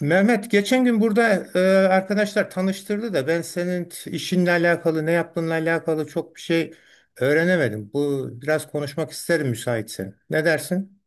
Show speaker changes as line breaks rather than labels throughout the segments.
Mehmet geçen gün burada arkadaşlar tanıştırdı da ben senin işinle alakalı ne yaptığınla alakalı çok bir şey öğrenemedim. Bu biraz konuşmak isterim müsaitsen. Ne dersin?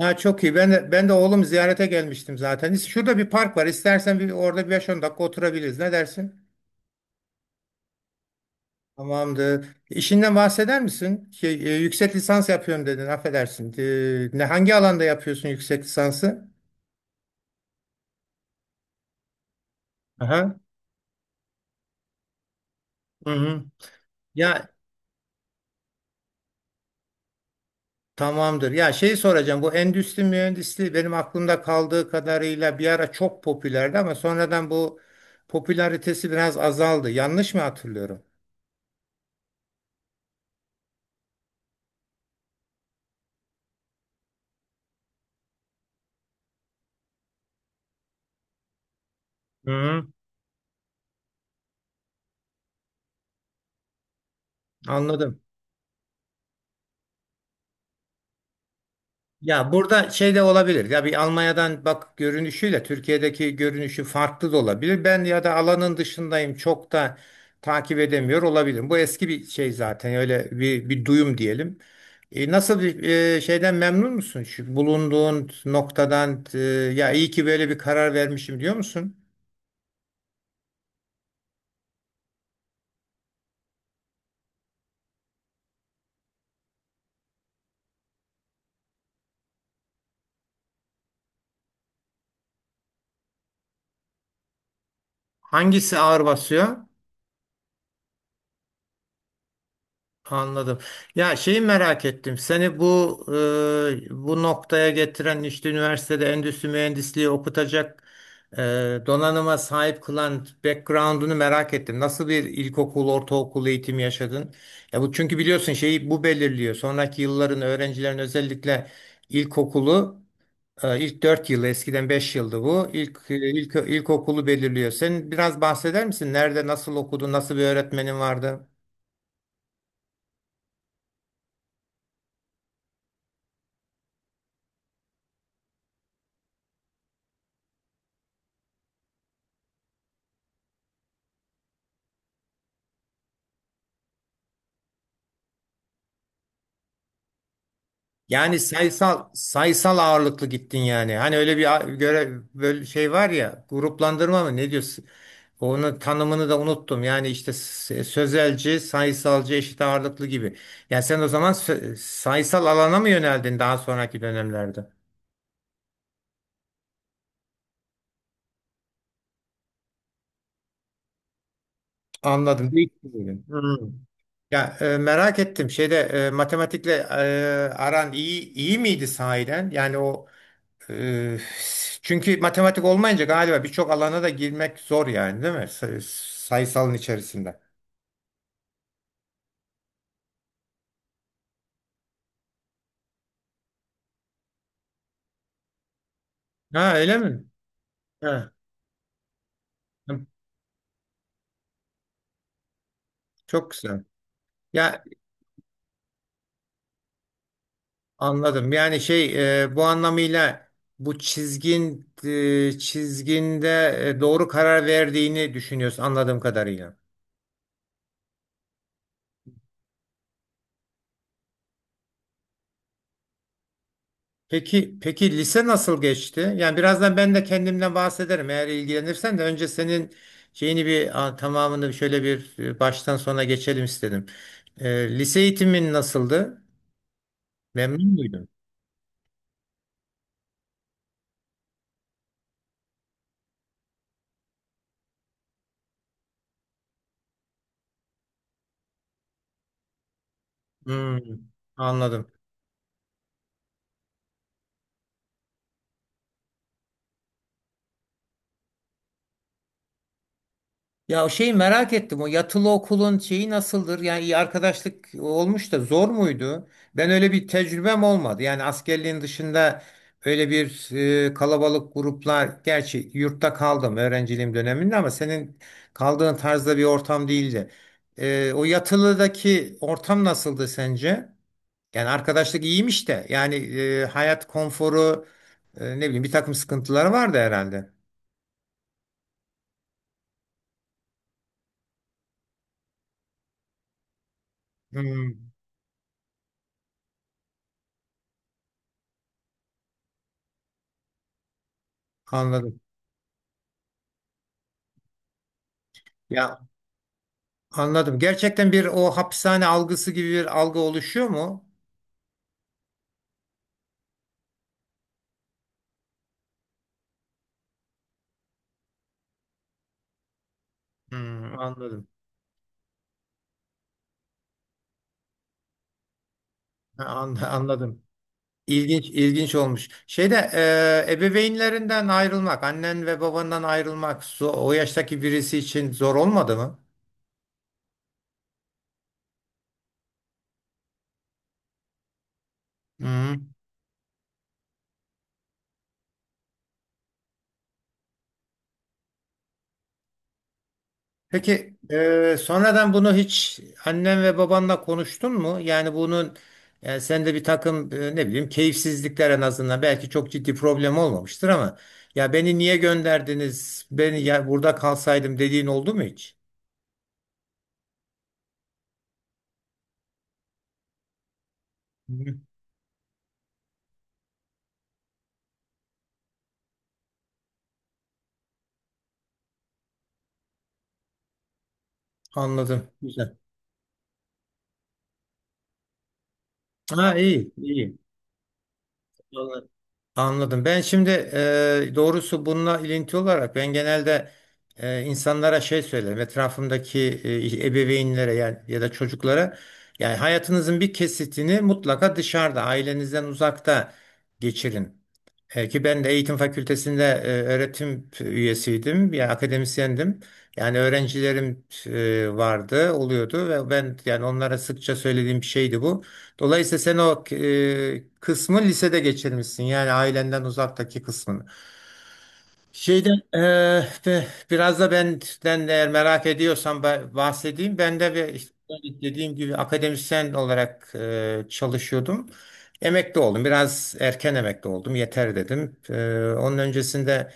Ha, çok iyi. Ben de oğlum ziyarete gelmiştim zaten. Şurada bir park var. İstersen bir, orada bir 5-10 dakika oturabiliriz. Ne dersin? Tamamdır. İşinden bahseder misin? Şey, yüksek lisans yapıyorum dedin. Affedersin. E, ne hangi alanda yapıyorsun yüksek lisansı? Aha. Hı hı. Ya, tamamdır. Ya şey soracağım, bu endüstri mühendisliği benim aklımda kaldığı kadarıyla bir ara çok popülerdi ama sonradan bu popülaritesi biraz azaldı. Yanlış mı hatırlıyorum? Hı, hı. Anladım. Ya burada şey de olabilir. Ya bir Almanya'dan bak görünüşüyle Türkiye'deki görünüşü farklı da olabilir. Ben ya da alanın dışındayım. Çok da takip edemiyor olabilirim. Bu eski bir şey zaten. Öyle bir duyum diyelim. Nasıl bir şeyden memnun musun? Şu bulunduğun noktadan ya iyi ki böyle bir karar vermişim diyor musun? Hangisi ağır basıyor? Anladım. Ya şeyi merak ettim. Seni bu noktaya getiren işte üniversitede endüstri mühendisliği okutacak e, donanıma sahip kılan background'unu merak ettim. Nasıl bir ilkokul, ortaokul eğitimi yaşadın? Ya bu çünkü biliyorsun şeyi bu belirliyor. Sonraki yılların öğrencilerin özellikle ilkokulu ilk 4 yılı, eskiden 5 yıldı bu. İlk ilk ilkokulu belirliyor. Sen biraz bahseder misin? Nerede, nasıl okudun, nasıl bir öğretmenin vardı? Yani sayısal ağırlıklı gittin yani. Hani öyle bir göre böyle şey var ya, gruplandırma mı ne diyorsun? Onun tanımını da unuttum. Yani işte sözelci, sayısalcı, eşit ağırlıklı gibi. Yani sen o zaman sayısal alana mı yöneldin daha sonraki dönemlerde? Anladım. Değiştirdin. Hmm. Ya merak ettim. Şeyde matematikle aran iyi iyi miydi sahiden? Yani o Ee, çünkü matematik olmayınca galiba birçok alana da girmek zor yani, değil mi? Sayısalın içerisinde. Ha, öyle mi? Ha, çok güzel. Ya, anladım. Yani şey, bu anlamıyla bu çizginde doğru karar verdiğini düşünüyorsun, anladığım kadarıyla. Peki, peki lise nasıl geçti? Yani birazdan ben de kendimden bahsederim eğer ilgilenirsen, de önce senin şeyini bir tamamını şöyle bir baştan sona geçelim istedim. Lise eğitimin nasıldı? Memnun muydun? Hmm. Anladım. Ya o şeyi merak ettim. O yatılı okulun şeyi nasıldır? Yani iyi arkadaşlık olmuş da zor muydu? Ben öyle bir tecrübem olmadı. Yani askerliğin dışında öyle bir kalabalık gruplar, gerçi yurtta kaldım öğrenciliğim döneminde ama senin kaldığın tarzda bir ortam değildi. O yatılıdaki ortam nasıldı sence? Yani arkadaşlık iyiymiş de yani, hayat konforu, ne bileyim, bir takım sıkıntıları vardı herhalde. Hmm. Anladım. Ya, anladım. Gerçekten bir o hapishane algısı gibi bir algı oluşuyor mu? Hmm. Anladım. Ha, anladım. İlginç, ilginç olmuş. Şeyde ebeveynlerinden ayrılmak, annen ve babandan ayrılmak, o yaştaki birisi için zor olmadı mı? Hı. Peki sonradan bunu hiç annen ve babanla konuştun mu? Yani bunun, yani sende bir takım ne bileyim keyifsizlikler, en azından belki çok ciddi problem olmamıştır ama, ya beni niye gönderdiniz? Beni ya, burada kalsaydım dediğin oldu mu hiç? Hı. Anladım. Güzel. Ha, iyi, iyi. Anladım. Ben şimdi, doğrusu bununla ilinti olarak ben genelde insanlara şey söylerim. Etrafımdaki ebeveynlere yani, ya da çocuklara, yani hayatınızın bir kesitini mutlaka dışarıda, ailenizden uzakta geçirin. Ki ben de eğitim fakültesinde öğretim üyesiydim. Yani akademisyendim. Yani öğrencilerim vardı, oluyordu ve ben yani onlara sıkça söylediğim bir şeydi bu. Dolayısıyla sen o kısmı lisede geçirmişsin. Yani ailenden uzaktaki kısmını. Şeyden, biraz da benden eğer merak ediyorsan bahsedeyim. Ben de bir işte dediğim gibi akademisyen olarak çalışıyordum. Emekli oldum. Biraz erken emekli oldum. Yeter dedim. Onun öncesinde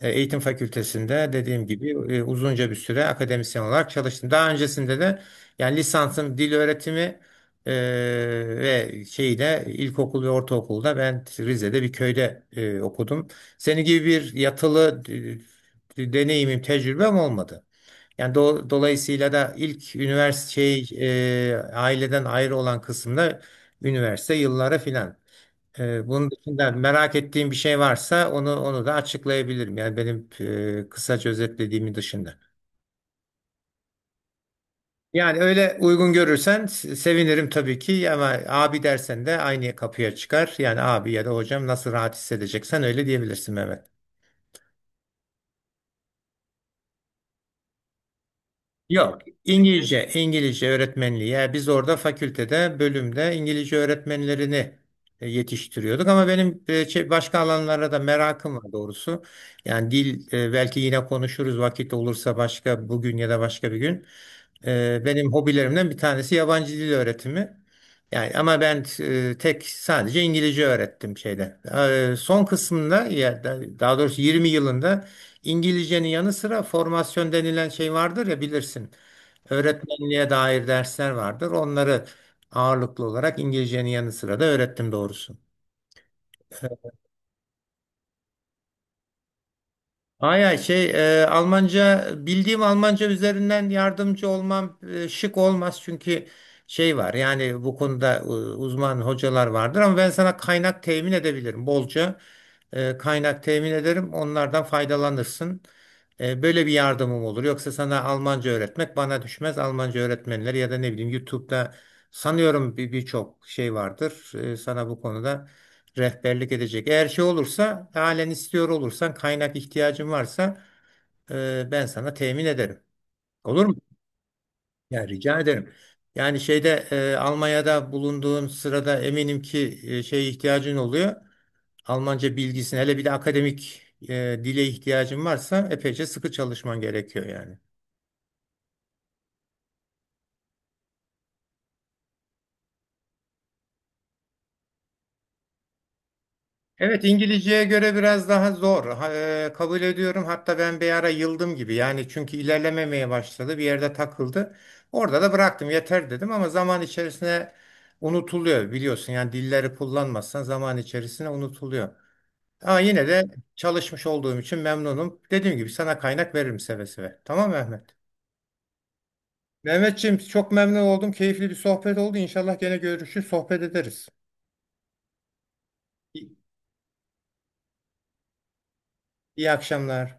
eğitim fakültesinde dediğim gibi uzunca bir süre akademisyen olarak çalıştım. Daha öncesinde de yani lisansım dil öğretimi, eee, ve şeyde ilkokul ve ortaokulda ben Rize'de bir köyde okudum. Seni gibi bir yatılı deneyimim, tecrübem olmadı. Yani dolayısıyla da ilk üniversite şey, aileden ayrı olan kısımda üniversite yılları filan. Bunun dışında merak ettiğim bir şey varsa onu da açıklayabilirim. Yani benim kısaca özetlediğimin dışında. Yani öyle uygun görürsen sevinirim tabii ki ama abi dersen de aynı kapıya çıkar. Yani abi ya da hocam, nasıl rahat hissedeceksen öyle diyebilirsin Mehmet. Yok, İngilizce öğretmenliği. Yani biz orada fakültede, bölümde İngilizce öğretmenlerini yetiştiriyorduk. Ama benim başka alanlara da merakım var doğrusu. Yani dil, belki yine konuşuruz vakit olursa, başka bugün ya da başka bir gün. Benim hobilerimden bir tanesi yabancı dil öğretimi. Yani ama ben tek, sadece İngilizce öğrettim şeyde. Son kısmında ya daha doğrusu 20 yılında, İngilizcenin yanı sıra formasyon denilen şey vardır ya, bilirsin. Öğretmenliğe dair dersler vardır. Onları ağırlıklı olarak İngilizcenin yanı sıra da öğrettim doğrusu. Aya, Almanca bildiğim Almanca üzerinden yardımcı olmam şık olmaz çünkü şey var, yani bu konuda uzman hocalar vardır ama ben sana kaynak temin edebilirim bolca, kaynak temin ederim, onlardan faydalanırsın. Böyle bir yardımım olur, yoksa sana Almanca öğretmek bana düşmez. Almanca öğretmenleri ya da ne bileyim, YouTube'da sanıyorum birçok şey vardır, sana bu konuda rehberlik edecek. Eğer şey olursa, halen istiyor olursan, kaynak ihtiyacın varsa ben sana temin ederim. Olur mu? Ya, rica ederim. Yani şeyde, Almanya'da bulunduğun sırada eminim ki şeye ihtiyacın oluyor. Almanca bilgisine, hele bir de akademik dile ihtiyacın varsa, epeyce sıkı çalışman gerekiyor yani. Evet, İngilizceye göre biraz daha zor. Ha, kabul ediyorum. Hatta ben bir ara yıldım gibi. Yani çünkü ilerlememeye başladı. Bir yerde takıldı. Orada da bıraktım. Yeter dedim ama zaman içerisinde unutuluyor biliyorsun. Yani dilleri kullanmazsan zaman içerisinde unutuluyor. Ama yine de çalışmış olduğum için memnunum. Dediğim gibi sana kaynak veririm seve seve. Tamam mı Mehmet? Mehmetciğim, çok memnun oldum. Keyifli bir sohbet oldu. İnşallah gene görüşürüz, sohbet ederiz. İyi, iyi akşamlar.